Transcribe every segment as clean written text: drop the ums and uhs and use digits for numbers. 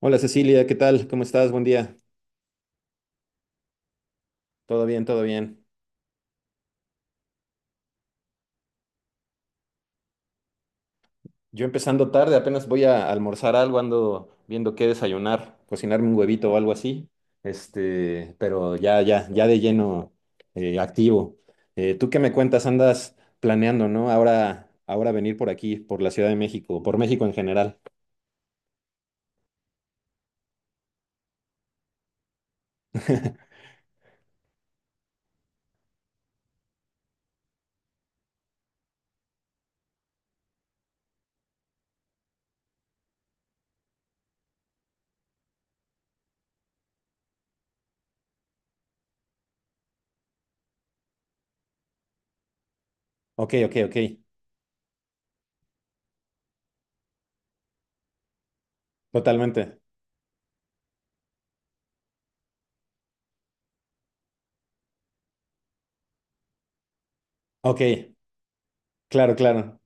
Hola Cecilia, ¿qué tal? ¿Cómo estás? Buen día. Todo bien, todo bien. Yo empezando tarde, apenas voy a almorzar algo, ando viendo qué desayunar, cocinarme un huevito o algo así. Este, pero ya de lleno activo. ¿Tú qué me cuentas? Andas planeando, ¿no? Ahora venir por aquí, por la Ciudad de México, por México en general. Ok, ok, ok. Totalmente. Ok, claro, claro.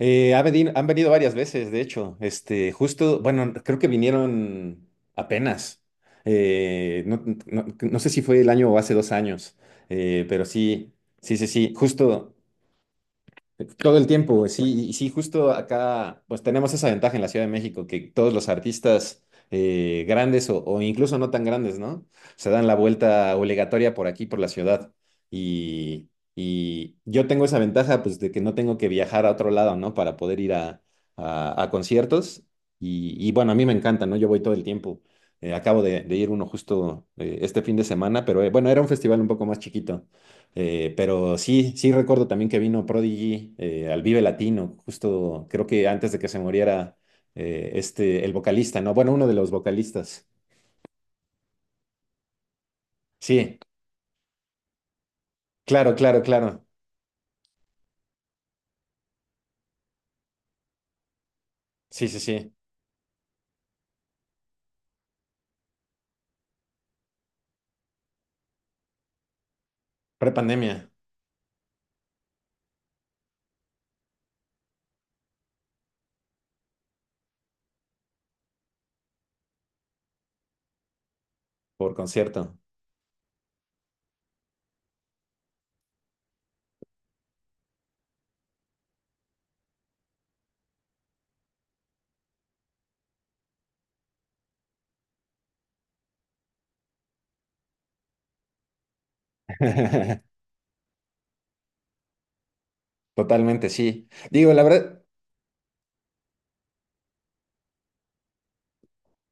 Han venido varias veces, de hecho. Este, justo, bueno, creo que vinieron apenas. No, no sé si fue el año o hace dos años, pero sí, sí, sí, sí. Justo todo el tiempo, güey, sí, y sí, justo acá, pues tenemos esa ventaja en la Ciudad de México, que todos los artistas grandes o incluso no tan grandes, ¿no? Se dan la vuelta obligatoria por aquí, por la ciudad. Y, y yo tengo esa ventaja, pues, de que no tengo que viajar a otro lado, ¿no? Para poder ir a, a conciertos. Y bueno, a mí me encanta, ¿no? Yo voy todo el tiempo. Acabo de ir uno justo este fin de semana, pero bueno, era un festival un poco más chiquito. Pero sí, sí recuerdo también que vino Prodigy al Vive Latino, justo creo que antes de que se muriera este, el vocalista, ¿no? Bueno, uno de los vocalistas. Sí, claro, claro, claro. Sí, sí, sí. Prepandemia, por concierto. Totalmente, sí. Digo, la verdad,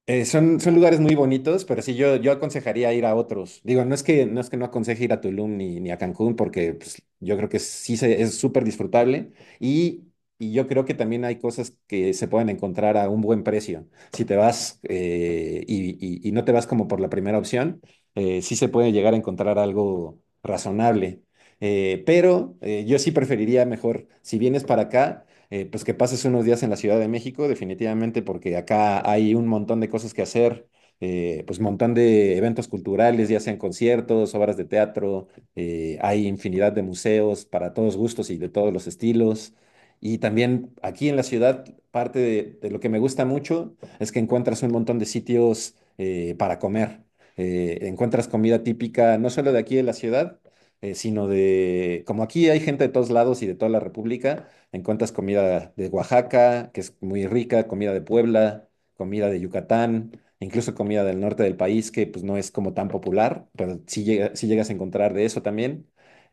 Son, son lugares muy bonitos, pero sí, yo aconsejaría ir a otros. Digo, no es que no, es que no aconseje ir a Tulum ni, ni a Cancún, porque pues, yo creo que es súper disfrutable y, y yo creo que también hay cosas que se pueden encontrar a un buen precio. Si te vas y, y no te vas como por la primera opción, sí se puede llegar a encontrar algo razonable. Yo sí preferiría mejor, si vienes para acá pues que pases unos días en la Ciudad de México, definitivamente, porque acá hay un montón de cosas que hacer, pues montón de eventos culturales, ya sean conciertos, obras de teatro, hay infinidad de museos para todos gustos y de todos los estilos. Y también aquí en la ciudad, parte de lo que me gusta mucho es que encuentras un montón de sitios para comer. Encuentras comida típica, no solo de aquí de la ciudad, sino de, como aquí hay gente de todos lados y de toda la República, encuentras comida de Oaxaca, que es muy rica, comida de Puebla, comida de Yucatán, incluso comida del norte del país, que pues no es como tan popular, pero sí, sí llegas a encontrar de eso también.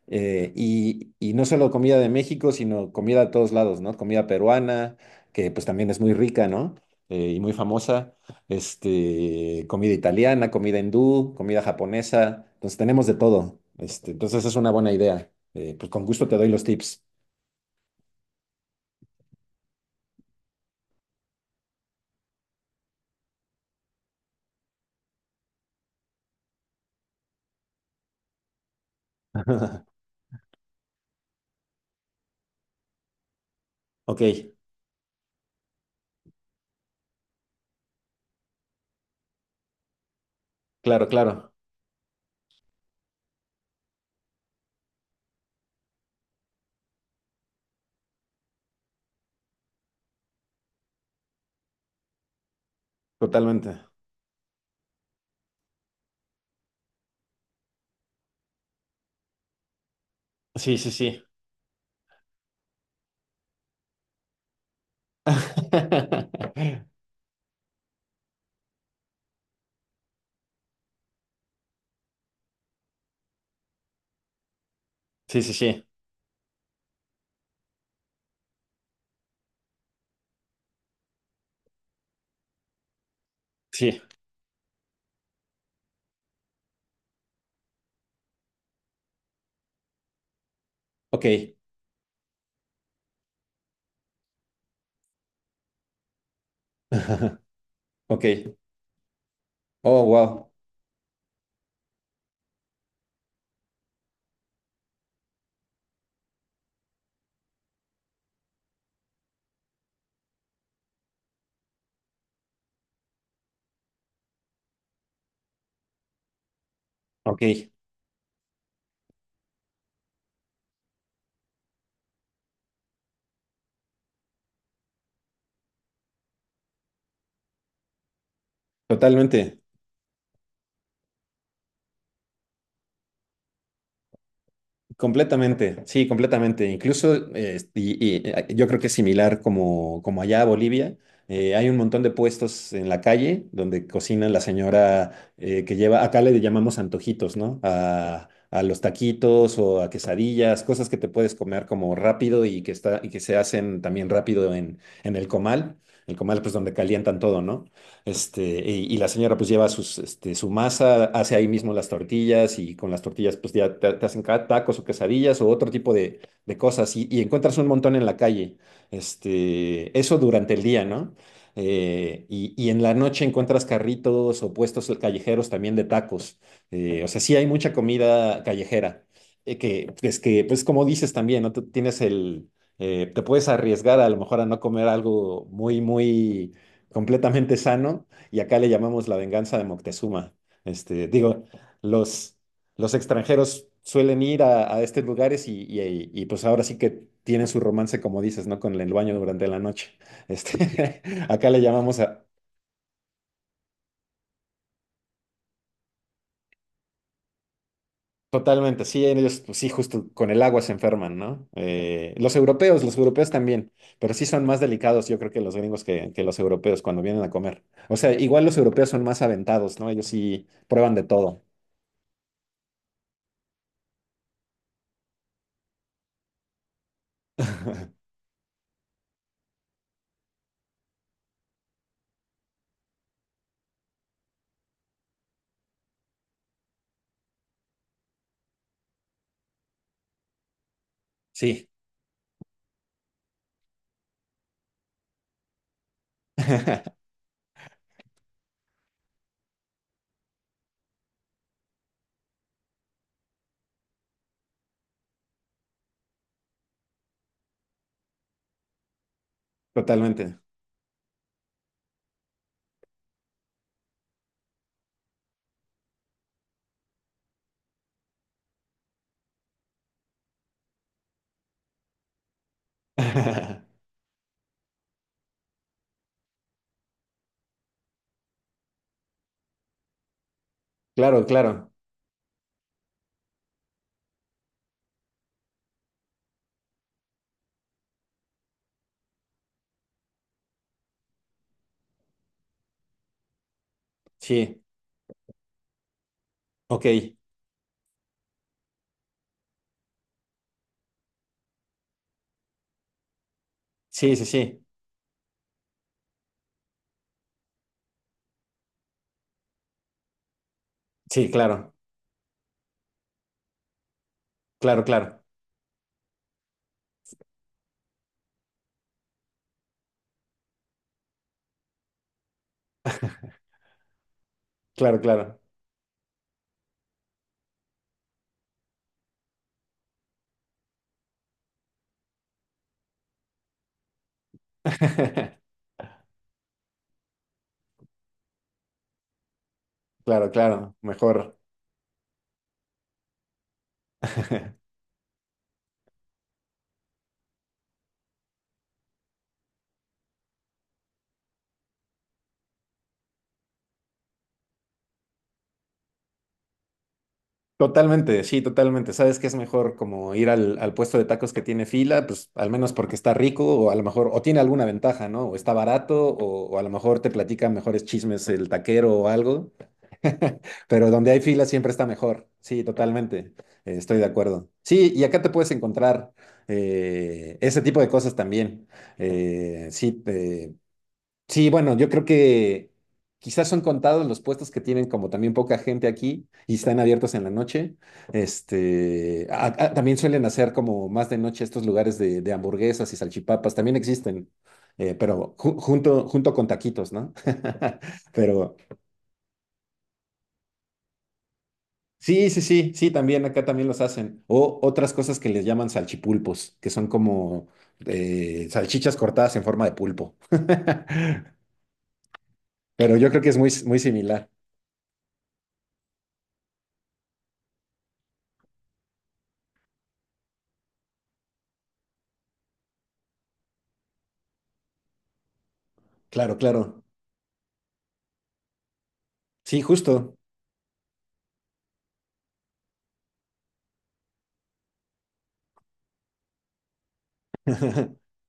Y, y no solo comida de México, sino comida de todos lados, ¿no? Comida peruana, que pues también es muy rica, ¿no? Y muy famosa. Este, comida italiana, comida hindú, comida japonesa. Entonces tenemos de todo. Este, entonces es una buena idea. Pues con gusto te doy los tips. Ok, claro, claro, totalmente. Sí, sí, sí. Sí, sí, sí, sí. Ok. Ok. Oh, wow. Ok, totalmente. Completamente, sí, completamente. Incluso yo creo que es similar como, como allá a Bolivia. Hay un montón de puestos en la calle donde cocina la señora que lleva, acá le llamamos antojitos, ¿no? A los taquitos o a quesadillas, cosas que te puedes comer como rápido y que, está, y que se hacen también rápido en el comal. El comal, pues donde calientan todo, ¿no? Este, y la señora pues lleva sus, este, su masa, hace ahí mismo las tortillas y con las tortillas pues ya te hacen tacos o quesadillas o otro tipo de cosas y encuentras un montón en la calle. Este, eso durante el día, ¿no? Y, y en la noche encuentras carritos o puestos callejeros también de tacos. O sea, sí hay mucha comida callejera, que es que, pues como dices también, ¿no? Tú tienes el… te puedes arriesgar a lo mejor a no comer algo muy, muy completamente sano y acá le llamamos la venganza de Moctezuma. Este, digo, los, los extranjeros suelen ir a estos lugares y, y, pues ahora sí que tienen su romance, como dices, ¿no? Con el baño durante la noche. Este, acá le llamamos a… Totalmente, sí, ellos pues sí, justo con el agua se enferman, ¿no? Los europeos, los europeos también, pero sí son más delicados, yo creo que los gringos que los europeos cuando vienen a comer. O sea, igual los europeos son más aventados, ¿no? Ellos sí prueban de todo. Sí. Totalmente. Claro, claro. Sí. Ok. Sí, sí, sí. Sí, claro. Claro, claro. Claro, claro. Claro, claro. Mejor. Totalmente, sí, totalmente. Sabes que es mejor como ir al, al puesto de tacos que tiene fila, pues al menos porque está rico o a lo mejor, o tiene alguna ventaja, ¿no? O está barato o a lo mejor te platica mejores chismes el taquero o algo. Pero donde hay fila siempre está mejor. Sí, totalmente. Estoy de acuerdo. Sí, y acá te puedes encontrar ese tipo de cosas también. Eh, sí, te- Sí, bueno, yo creo que quizás son contados los puestos que tienen como también poca gente aquí y están abiertos en la noche. Este, también suelen hacer como más de noche estos lugares de hamburguesas y salchipapas, también existen, pero junto, junto con taquitos, ¿no? Pero sí, sí, sí, sí, también acá también los hacen. O otras cosas que les llaman salchipulpos, que son como salchichas cortadas en forma de pulpo. Pero yo creo que es muy, muy similar. Claro, claro. Sí, justo.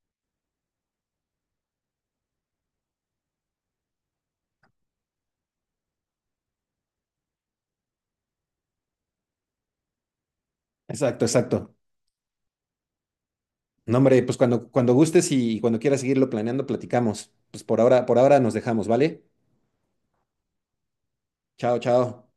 Exacto, exacto. No, hombre, pues cuando, cuando gustes y cuando quieras seguirlo planeando, platicamos. Pues por ahora nos dejamos, ¿vale? Chao, chao.